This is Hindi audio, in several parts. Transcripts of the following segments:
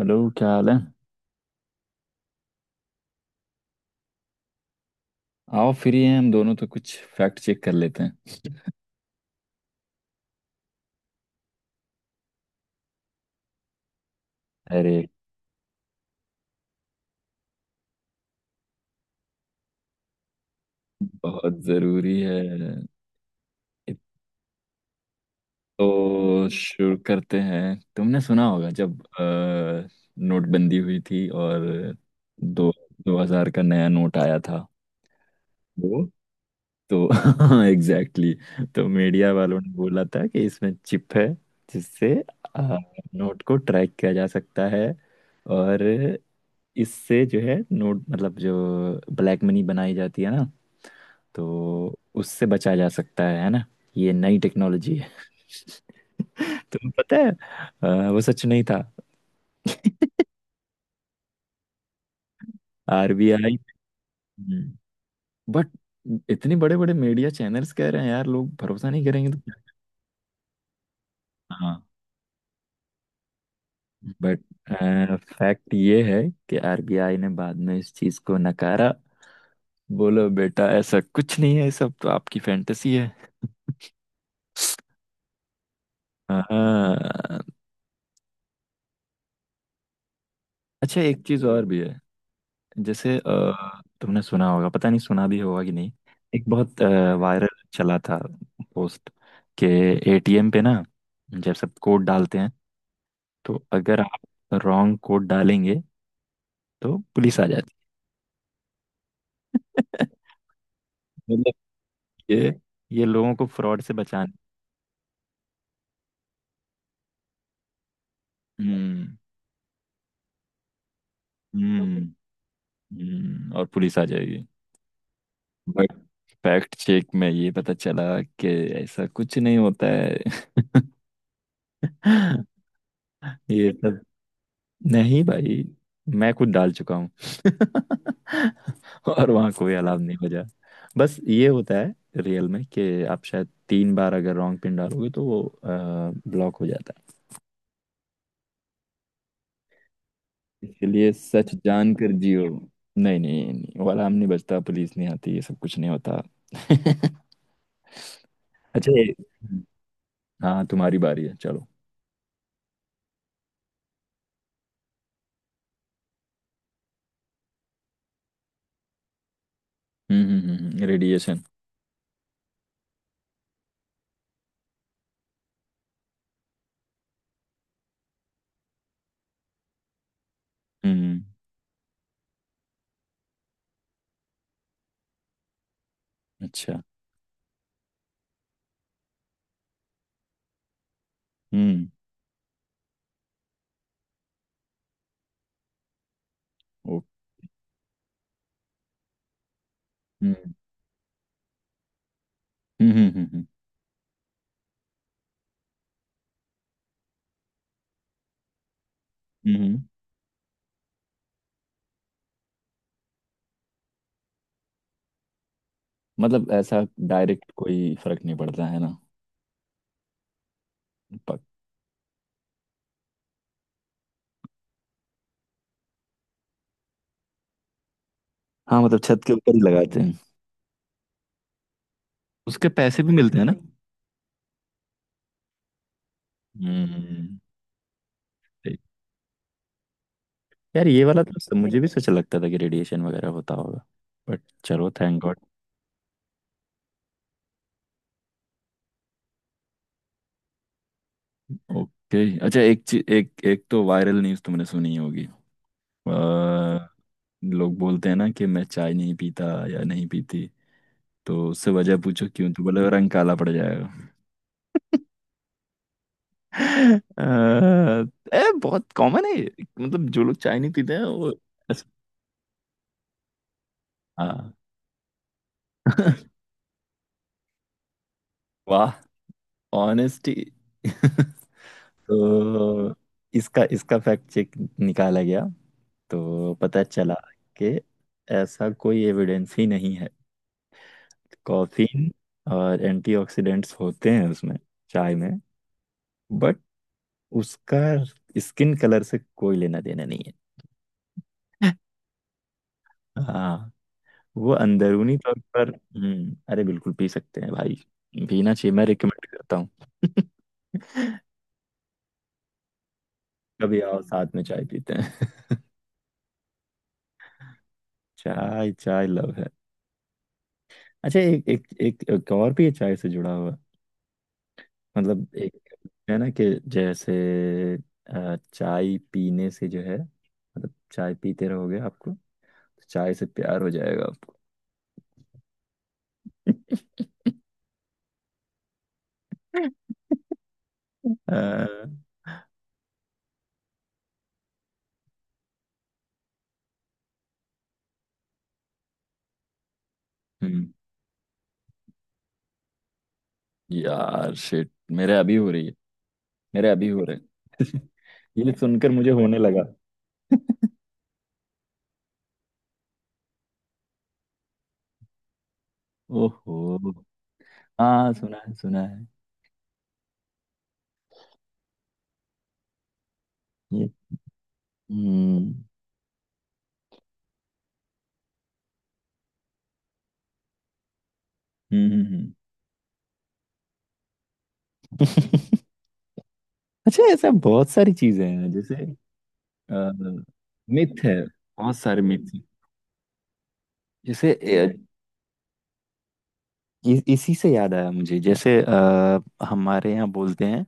हेलो, क्या हाल है। आओ, फ्री हैं हम दोनों तो कुछ फैक्ट चेक कर लेते हैं। अरे, बहुत ज़रूरी है। तो शुरू करते हैं। तुमने सुना होगा जब नोटबंदी हुई थी। और दो दो हजार का नया नोट आया था। वो तो एग्जैक्टली exactly, तो मीडिया वालों ने बोला था कि इसमें चिप है जिससे अ, नोट को ट्रैक किया जा सकता है। और इससे जो है नोट मतलब जो ब्लैक मनी बनाई जाती है ना, तो उससे बचा जा सकता है ना। ये नई टेक्नोलॉजी है तुम्हें पता है वो सच नहीं था। आरबीआई। हम्म, बट इतने बड़े बड़े मीडिया चैनल्स कह रहे हैं, यार लोग भरोसा नहीं करेंगे तो क्या। हाँ, बट फैक्ट ये है कि आरबीआई ने बाद में इस चीज को नकारा। बोलो बेटा, ऐसा कुछ नहीं है, सब तो आपकी फैंटेसी है। हाँ। अच्छा, एक चीज और भी है। जैसे तुमने सुना होगा, पता नहीं सुना भी होगा कि नहीं। एक बहुत वायरल चला था पोस्ट के एटीएम पे ना। जब सब कोड डालते हैं तो अगर आप रॉन्ग कोड डालेंगे तो पुलिस आ जाती है मतलब ये ये लोगों को फ्रॉड से बचाने। हम्म, हम्म, और पुलिस आ जाएगी। बट फैक्ट चेक में ये पता चला कि ऐसा कुछ नहीं होता है ये सब। नहीं भाई, मैं खुद डाल चुका हूँ और वहाँ कोई अलाव नहीं बजा। बस ये होता है रियल में कि आप शायद 3 बार अगर रॉन्ग पिन डालोगे तो वो ब्लॉक हो जाता है। इसलिए सच जान कर जियो। नहीं, नहीं, नहीं, वो अलार्म नहीं बजता, पुलिस नहीं आती, ये सब कुछ नहीं होता अच्छा हाँ, तुम्हारी बारी है, चलो। हम्म, रेडिएशन। हम्म, radiation, अच्छा। हम्म। ओ। हम्म, हम्म, हम्म, हम्म, हम्म, मतलब ऐसा डायरेक्ट कोई फर्क नहीं पड़ता है ना। पक हाँ, मतलब छत के ऊपर ही लगाते हैं। उसके पैसे भी मिलते हैं ना। हम्म। सही। यार, ये वाला तो सब मुझे भी सोचा, लगता था कि रेडिएशन वगैरह होता होगा। बट चलो, थैंक गॉड। ओके, अच्छा एक चीज, एक एक तो वायरल न्यूज़ तुमने सुनी होगी। अ, लोग बोलते हैं ना कि मैं चाय नहीं पीता या नहीं पीती। तो उससे वजह पूछो क्यों, तो बोले रंग काला पड़ जाएगा। अ, बहुत कॉमन है ये। मतलब जो लोग चाय नहीं पीते हैं वो ऐस- हाँ। वाह, ऑनेस्टी तो इसका इसका फैक्ट चेक निकाला गया। तो पता चला कि ऐसा कोई एविडेंस ही नहीं है। कॉफीन और एंटीऑक्सीडेंट्स होते हैं उसमें, चाय में। बट उसका स्किन कलर से कोई लेना देना नहीं है हाँ, वो अंदरूनी तौर पर अरे बिल्कुल पी सकते हैं भाई। पीना चाहिए, मैं रिकमेंड करता हूँ कभी आओ, साथ में चाय पीते हैं चाय चाय लव है। अच्छा, एक और भी है चाय से जुड़ा हुआ। मतलब एक है ना कि जैसे चाय पीने से जो है मतलब चाय पीते रहोगे, आपको तो चाय से प्यार हो जाएगा आपको। अ, हम्म, यार शिट, मेरे अभी हो रही है, मेरे अभी हो रहे हैं ये सुनकर मुझे होने लगा ओहो, हाँ सुना है, सुना है ये। हम्म, हम्म, हम्म। अच्छा, ऐसा बहुत सारी चीजें हैं, जैसे मिथ है, बहुत सारे मिथ हैं। जैसे इसी से याद आया मुझे। जैसे हमारे यहाँ बोलते हैं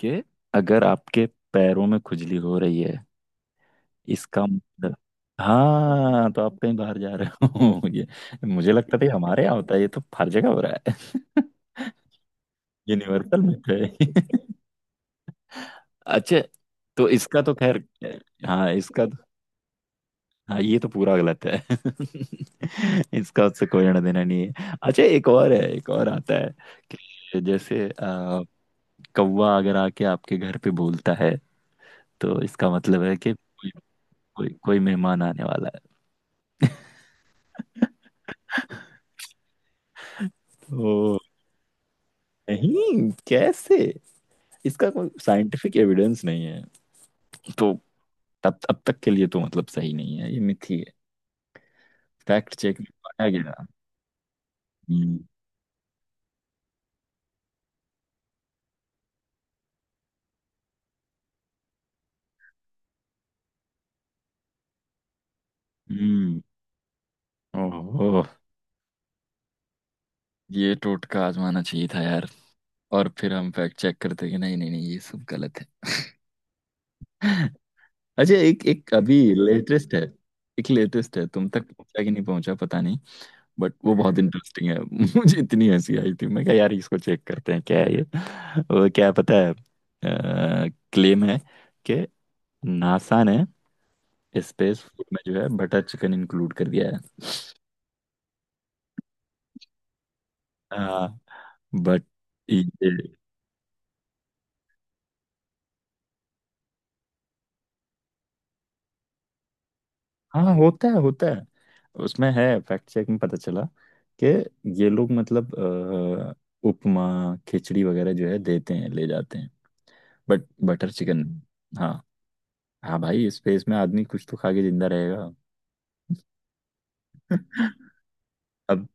कि अगर आपके पैरों में खुजली हो रही है, इसका मतलब हाँ तो आप कहीं बाहर जा रहे हो ये मुझे लगता था ये हमारे यहाँ होता है, ये तो हर जगह हो रहा है यूनिवर्सल में है अच्छा, तो इसका तो खैर हाँ, इसका तो हाँ, ये तो पूरा गलत है इसका उससे कोई लेना देना नहीं है। अच्छा एक और है, एक और आता है कि जैसे कौवा अगर आके आपके घर पे बोलता है तो इसका मतलब है कि कोई, कोई मेहमान आने वाला है। ओ, नहीं, कैसे, इसका कोई साइंटिफिक एविडेंस नहीं है। तो तब अब तक के लिए तो मतलब सही नहीं है, ये मिथी है। फैक्ट चेक में पाया गया। हम्म। ओहो, ये टोटका आजमाना चाहिए था यार। और फिर हम फैक्ट चेक करते कि नहीं नहीं नहीं, ये सब गलत है अच्छा एक एक अभी लेटेस्ट है। एक लेटेस्ट है, तुम तक पहुंचा कि नहीं पहुंचा पता नहीं। बट वो बहुत इंटरेस्टिंग है मुझे इतनी हंसी आई थी, मैं कहा यार इसको चेक करते हैं क्या है ये वो क्या पता है। क्लेम है कि नासा ने स्पेस फूड में जो है बटर चिकन इंक्लूड कर दिया है हाँ बट हाँ, होता है, होता है। उसमें है, फैक्ट चेक में पता चला कि ये लोग मतलब उपमा, खिचड़ी वगैरह जो है देते हैं, ले जाते हैं। But butter chicken. हाँ, हाँ भाई, स्पेस में आदमी कुछ तो खा के जिंदा रहेगा। अब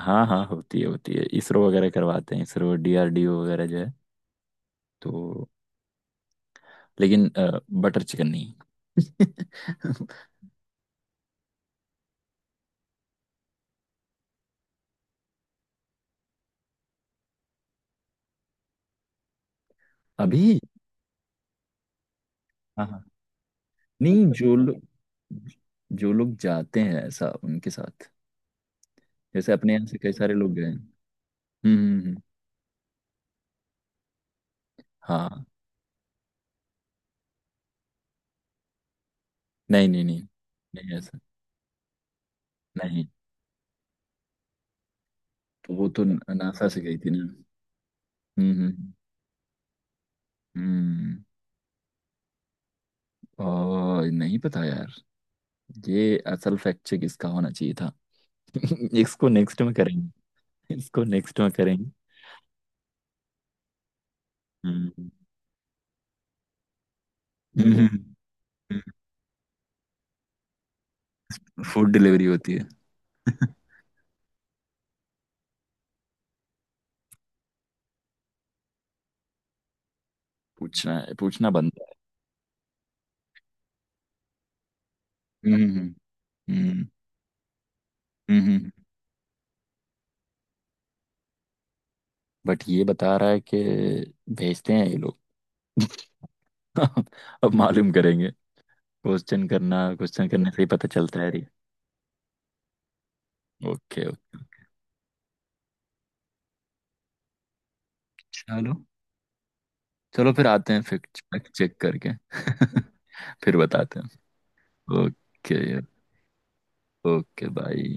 हाँ, हाँ होती है, होती है। इसरो वगैरह करवाते हैं, इसरो डीआरडीओ वगैरह जो है। तो लेकिन बटर चिकन नहीं अभी हाँ, हाँ। नहीं जो लोग जाते हैं ऐसा उनके साथ। जैसे अपने यहाँ से कई सारे लोग गए हैं। हम्म, हाँ। नहीं, नहीं, नहीं, नहीं ऐसा। नहीं तो वो तो नासा से गई थी ना। हम्म, हम्म, हम्म, और नहीं पता यार। ये असल फैक्ट चेक इसका होना चाहिए था इसको नेक्स्ट में करेंगे, इसको नेक्स्ट में करेंगे। हम्म, हम्म। फूड डिलीवरी होती है पूछना है, पूछना बनता है। हम्म, हम्म, हम्म, बट ये बता रहा है कि भेजते हैं ये लोग अब मालूम करेंगे। क्वेश्चन करना, क्वेश्चन करने से ही पता चलता है। अरे, ओके ओके। चलो, चलो फिर आते हैं फैक्ट चेक करके फिर बताते हैं। Okay, okay bye.